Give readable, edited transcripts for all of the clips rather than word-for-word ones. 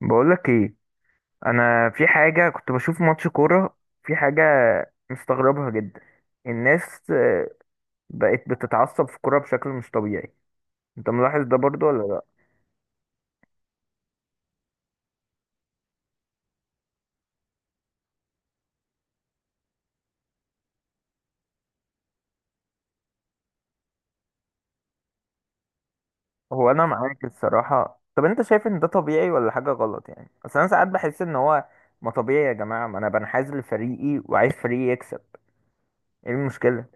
بقولك ايه؟ انا في حاجه، كنت بشوف ماتش كوره، في حاجه مستغربها جدا. الناس بقت بتتعصب في الكوره بشكل مش طبيعي. انت ملاحظ ده برضو ولا لا؟ هو انا معاك الصراحه. طب انت شايف ان ده طبيعي ولا حاجه غلط؟ يعني اصل انا ساعات بحس ان هو ما طبيعي. يا جماعه، ما انا بنحاز لفريقي وعايز فريقي يكسب، ايه المشكله؟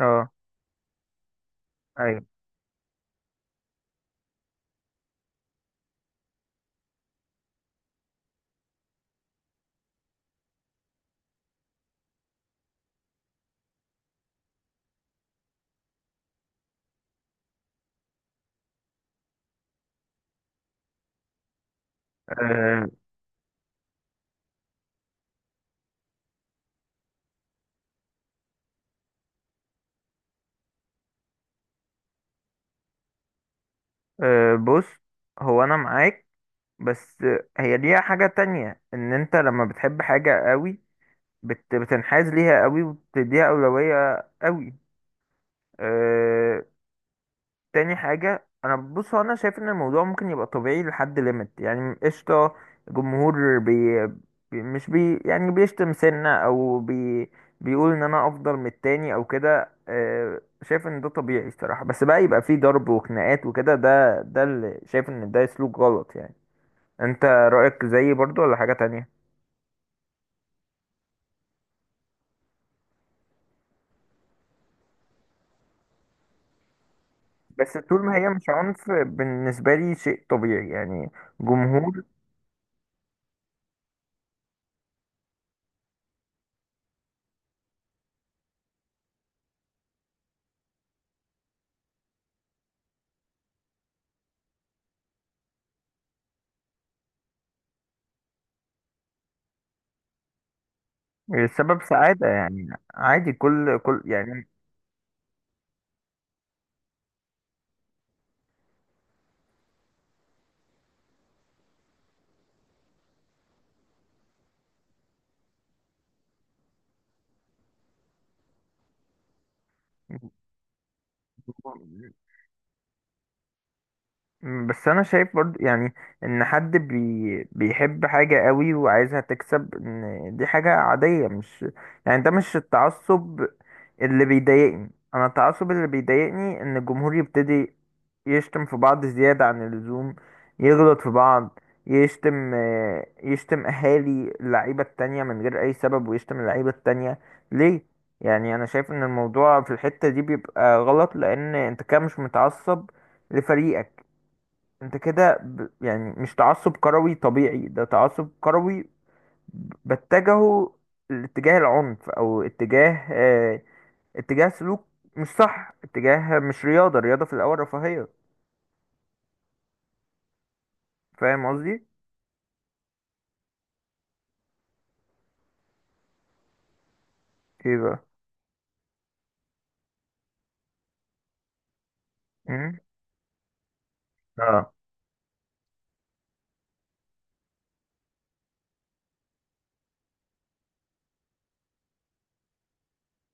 اه. ايوه. أه. أه، بص، هو انا معاك، بس هي ليها حاجه تانية، ان انت لما بتحب حاجه قوي بتنحاز ليها قوي وبتديها أولوية قوي. أه. تاني حاجة أنا، بص، هو أنا شايف إن الموضوع ممكن يبقى طبيعي لحد ليميت، يعني قشطة. الجمهور مش بي، يعني بيشتم سنة، أو بي بيقول إن أنا أفضل من التاني أو كده، أه شايف إن ده طبيعي الصراحة. بس بقى يبقى فيه ضرب وخناقات وكده، ده اللي شايف إن ده سلوك غلط يعني. أنت رأيك زيي برضو ولا حاجة تانية؟ بس طول ما هي مش عنف، بالنسبة لي شيء طبيعي يعني. جمهور. سبب سعادة يعني. عادي. كل يعني. بس انا شايف برضو يعني ان حد بي بيحب حاجة قوي وعايزها تكسب، ان دي حاجة عادية، مش يعني ده مش التعصب اللي بيضايقني. انا التعصب اللي بيضايقني ان الجمهور يبتدي يشتم في بعض زيادة عن اللزوم، يغلط في بعض، يشتم يشتم اهالي اللعيبة التانية من غير اي سبب، ويشتم اللعيبة التانية ليه؟ يعني انا شايف ان الموضوع في الحتة دي بيبقى غلط، لان انت كده مش متعصب لفريقك، انت كده، ب... يعني مش تعصب كروي طبيعي، ده تعصب كروي بتجهه لاتجاه العنف، او اتجاه اتجاه سلوك مش صح، اتجاه مش رياضة. الرياضة في الاول رفاهية. فاهم قصدي؟ ايه بقى؟ امم. اه.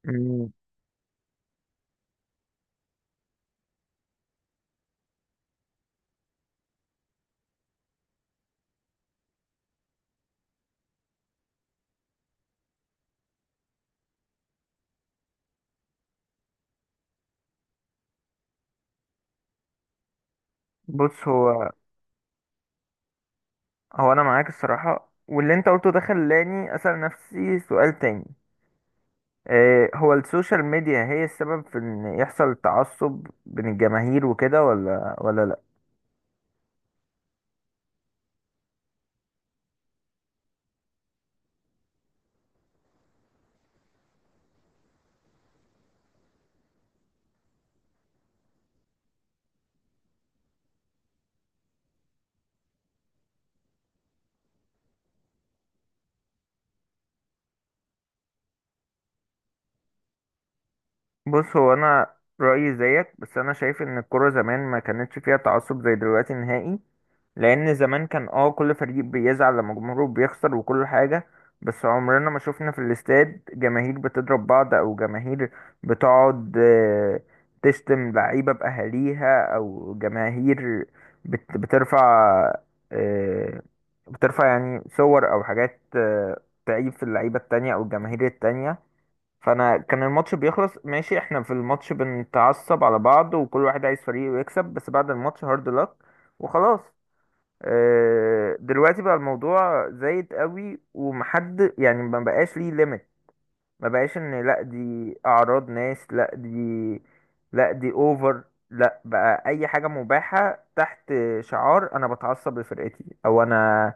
مم. بص، هو انا معاك الصراحة. واللي انت قلته ده خلاني اسأل نفسي سؤال تاني. هو السوشيال ميديا هي السبب في ان يحصل تعصب بين الجماهير وكده ولا؟ بص، هو انا رايي زيك، بس انا شايف ان الكوره زمان ما كانتش فيها تعصب زي دلوقتي نهائي. لان زمان كان اه كل فريق بيزعل لما جمهوره بيخسر وكل حاجه، بس عمرنا ما شفنا في الاستاد جماهير بتضرب بعض، او جماهير بتقعد تشتم لعيبه باهاليها، او جماهير بترفع، آه، بترفع يعني صور او حاجات تعيب في اللعيبه التانية او الجماهير التانية. فانا كان الماتش بيخلص ماشي، احنا في الماتش بنتعصب على بعض وكل واحد عايز فريقه يكسب، بس بعد الماتش هارد لك وخلاص. دلوقتي بقى الموضوع زايد قوي ومحد يعني ما بقاش ليه ليميت، ما بقاش ان لا دي اعراض ناس، لا دي، لا دي اوفر، لا بقى اي حاجة مباحة تحت شعار انا بتعصب لفرقتي، او انا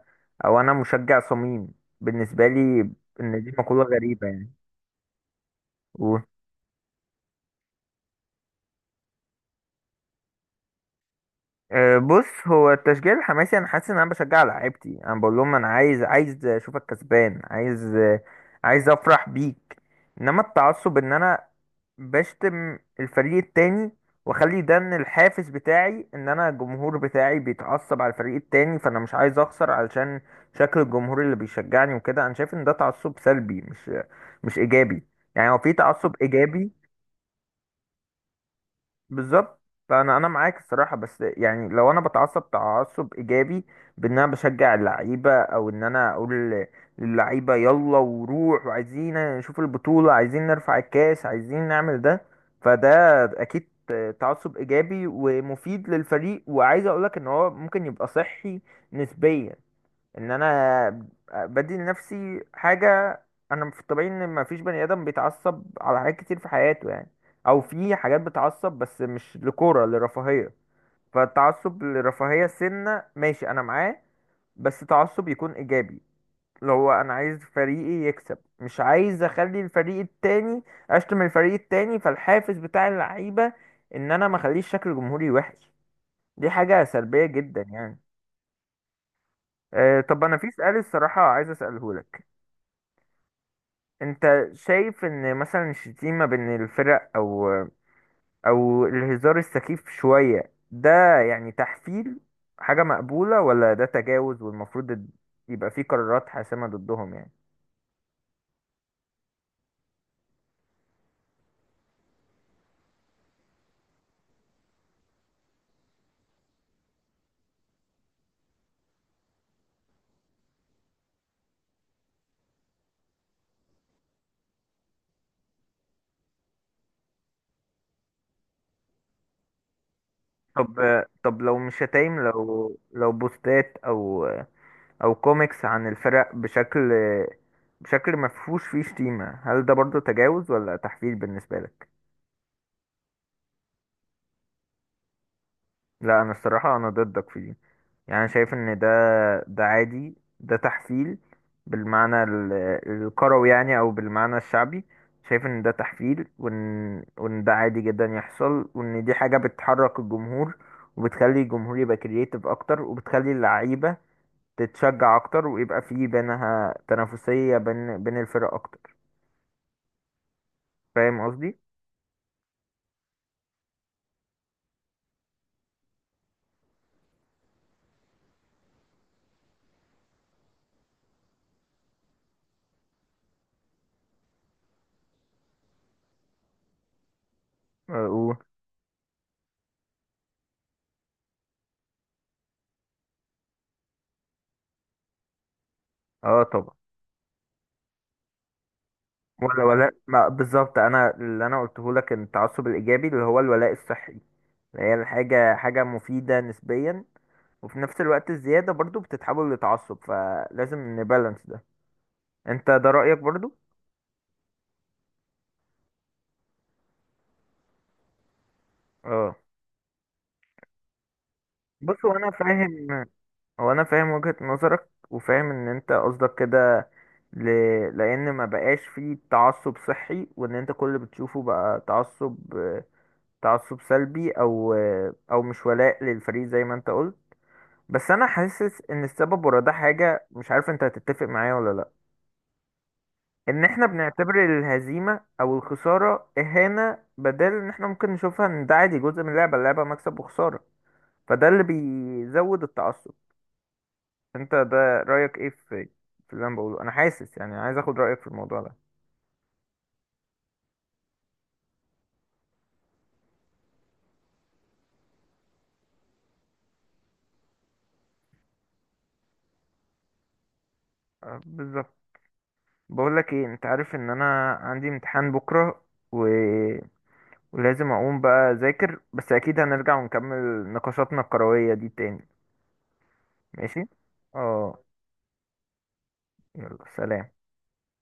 او انا مشجع صميم. بالنسبة لي ان دي مقولة غريبة يعني. أه، بص، هو التشجيع الحماسي انا حاسس ان انا بشجع لعيبتي، انا بقول لهم انا عايز، عايز اشوفك كسبان، عايز افرح بيك. انما التعصب ان انا بشتم الفريق التاني، واخلي ده ان الحافز بتاعي ان انا الجمهور بتاعي بيتعصب على الفريق التاني، فانا مش عايز اخسر علشان شكل الجمهور اللي بيشجعني وكده. انا شايف ان ده تعصب سلبي، مش ايجابي يعني. هو في تعصب ايجابي. بالظبط. انا معاك الصراحه. بس يعني لو انا بتعصب تعصب ايجابي بان انا بشجع اللعيبه، او ان انا اقول للعيبه يلا وروح، وعايزين نشوف البطوله، عايزين نرفع الكاس، عايزين نعمل ده، فده اكيد تعصب ايجابي ومفيد للفريق. وعايز اقولك ان هو ممكن يبقى صحي نسبيا، ان انا بدي لنفسي حاجه. انا في الطبيعي ان ما فيش بني ادم بيتعصب على حاجات كتير في حياته يعني، او في حاجات بتعصب، بس مش لكوره، لرفاهيه. فالتعصب لرفاهيه سنه ماشي انا معاه، بس تعصب يكون ايجابي، اللي هو انا عايز فريقي يكسب، مش عايز اخلي الفريق التاني، اشتم الفريق التاني فالحافز بتاع اللعيبه ان انا ما اخليش شكل جمهوري وحش. دي حاجه سلبيه جدا يعني. أه، طب انا في سؤال الصراحه عايز اساله لك. انت شايف ان مثلا الشتيمة بين الفرق، او او الهزار السخيف شوية ده يعني، تحفيل، حاجة مقبولة ولا ده تجاوز والمفروض يبقى فيه قرارات حاسمة ضدهم يعني؟ طب طب لو مش شتايم، لو بوستات، او او كوميكس عن الفرق بشكل، بشكل مفهوش فيه شتيمة، هل ده برضو تجاوز ولا تحفيل بالنسبة لك؟ لا، انا الصراحة انا ضدك في دي. يعني أنا شايف ان ده، ده عادي، ده تحفيل بالمعنى الكروي يعني، او بالمعنى الشعبي. شايف ان ده تحفيل، وان ده عادي جدا يحصل، وان دي حاجة بتحرك الجمهور وبتخلي الجمهور يبقى كرييتيف اكتر، وبتخلي اللعيبة تتشجع اكتر، ويبقى في بينها تنافسية بين الفرق اكتر. فاهم قصدي؟ اه، قول. آه طبعا. ولا ما بالظبط، انا اللي انا قلته لك التعصب الايجابي اللي هو الولاء الصحي، هي الحاجة حاجة مفيدة نسبيا، وفي نفس الوقت الزيادة برضو بتتحول لتعصب، فلازم نبالانس ده. انت ده رأيك برضو؟ اه. بص، هو انا فاهم وجهة نظرك، وفاهم ان انت قصدك كده، ل... لان ما بقاش فيه تعصب صحي، وان انت كل اللي بتشوفه بقى تعصب، تعصب سلبي، او او مش ولاء للفريق زي ما انت قلت. بس انا حاسس ان السبب ورا ده حاجة، مش عارف انت هتتفق معايا ولا لا، ان احنا بنعتبر الهزيمة او الخسارة اهانة، بدل ان احنا ممكن نشوفها ان ده عادي جزء من اللعبة، اللعبة مكسب وخسارة. فده اللي بيزود التعصب. انت ده رأيك ايه في، في اللي انا بقوله؟ انا حاسس يعني، عايز اخد رأيك في الموضوع ده. أه، بالظبط. بقول لك ايه، انت عارف ان انا عندي امتحان بكرة، و... ولازم اقوم بقى اذاكر، بس اكيد هنرجع ونكمل نقاشاتنا الكروية دي تاني. ماشي. اه. يلا سلام.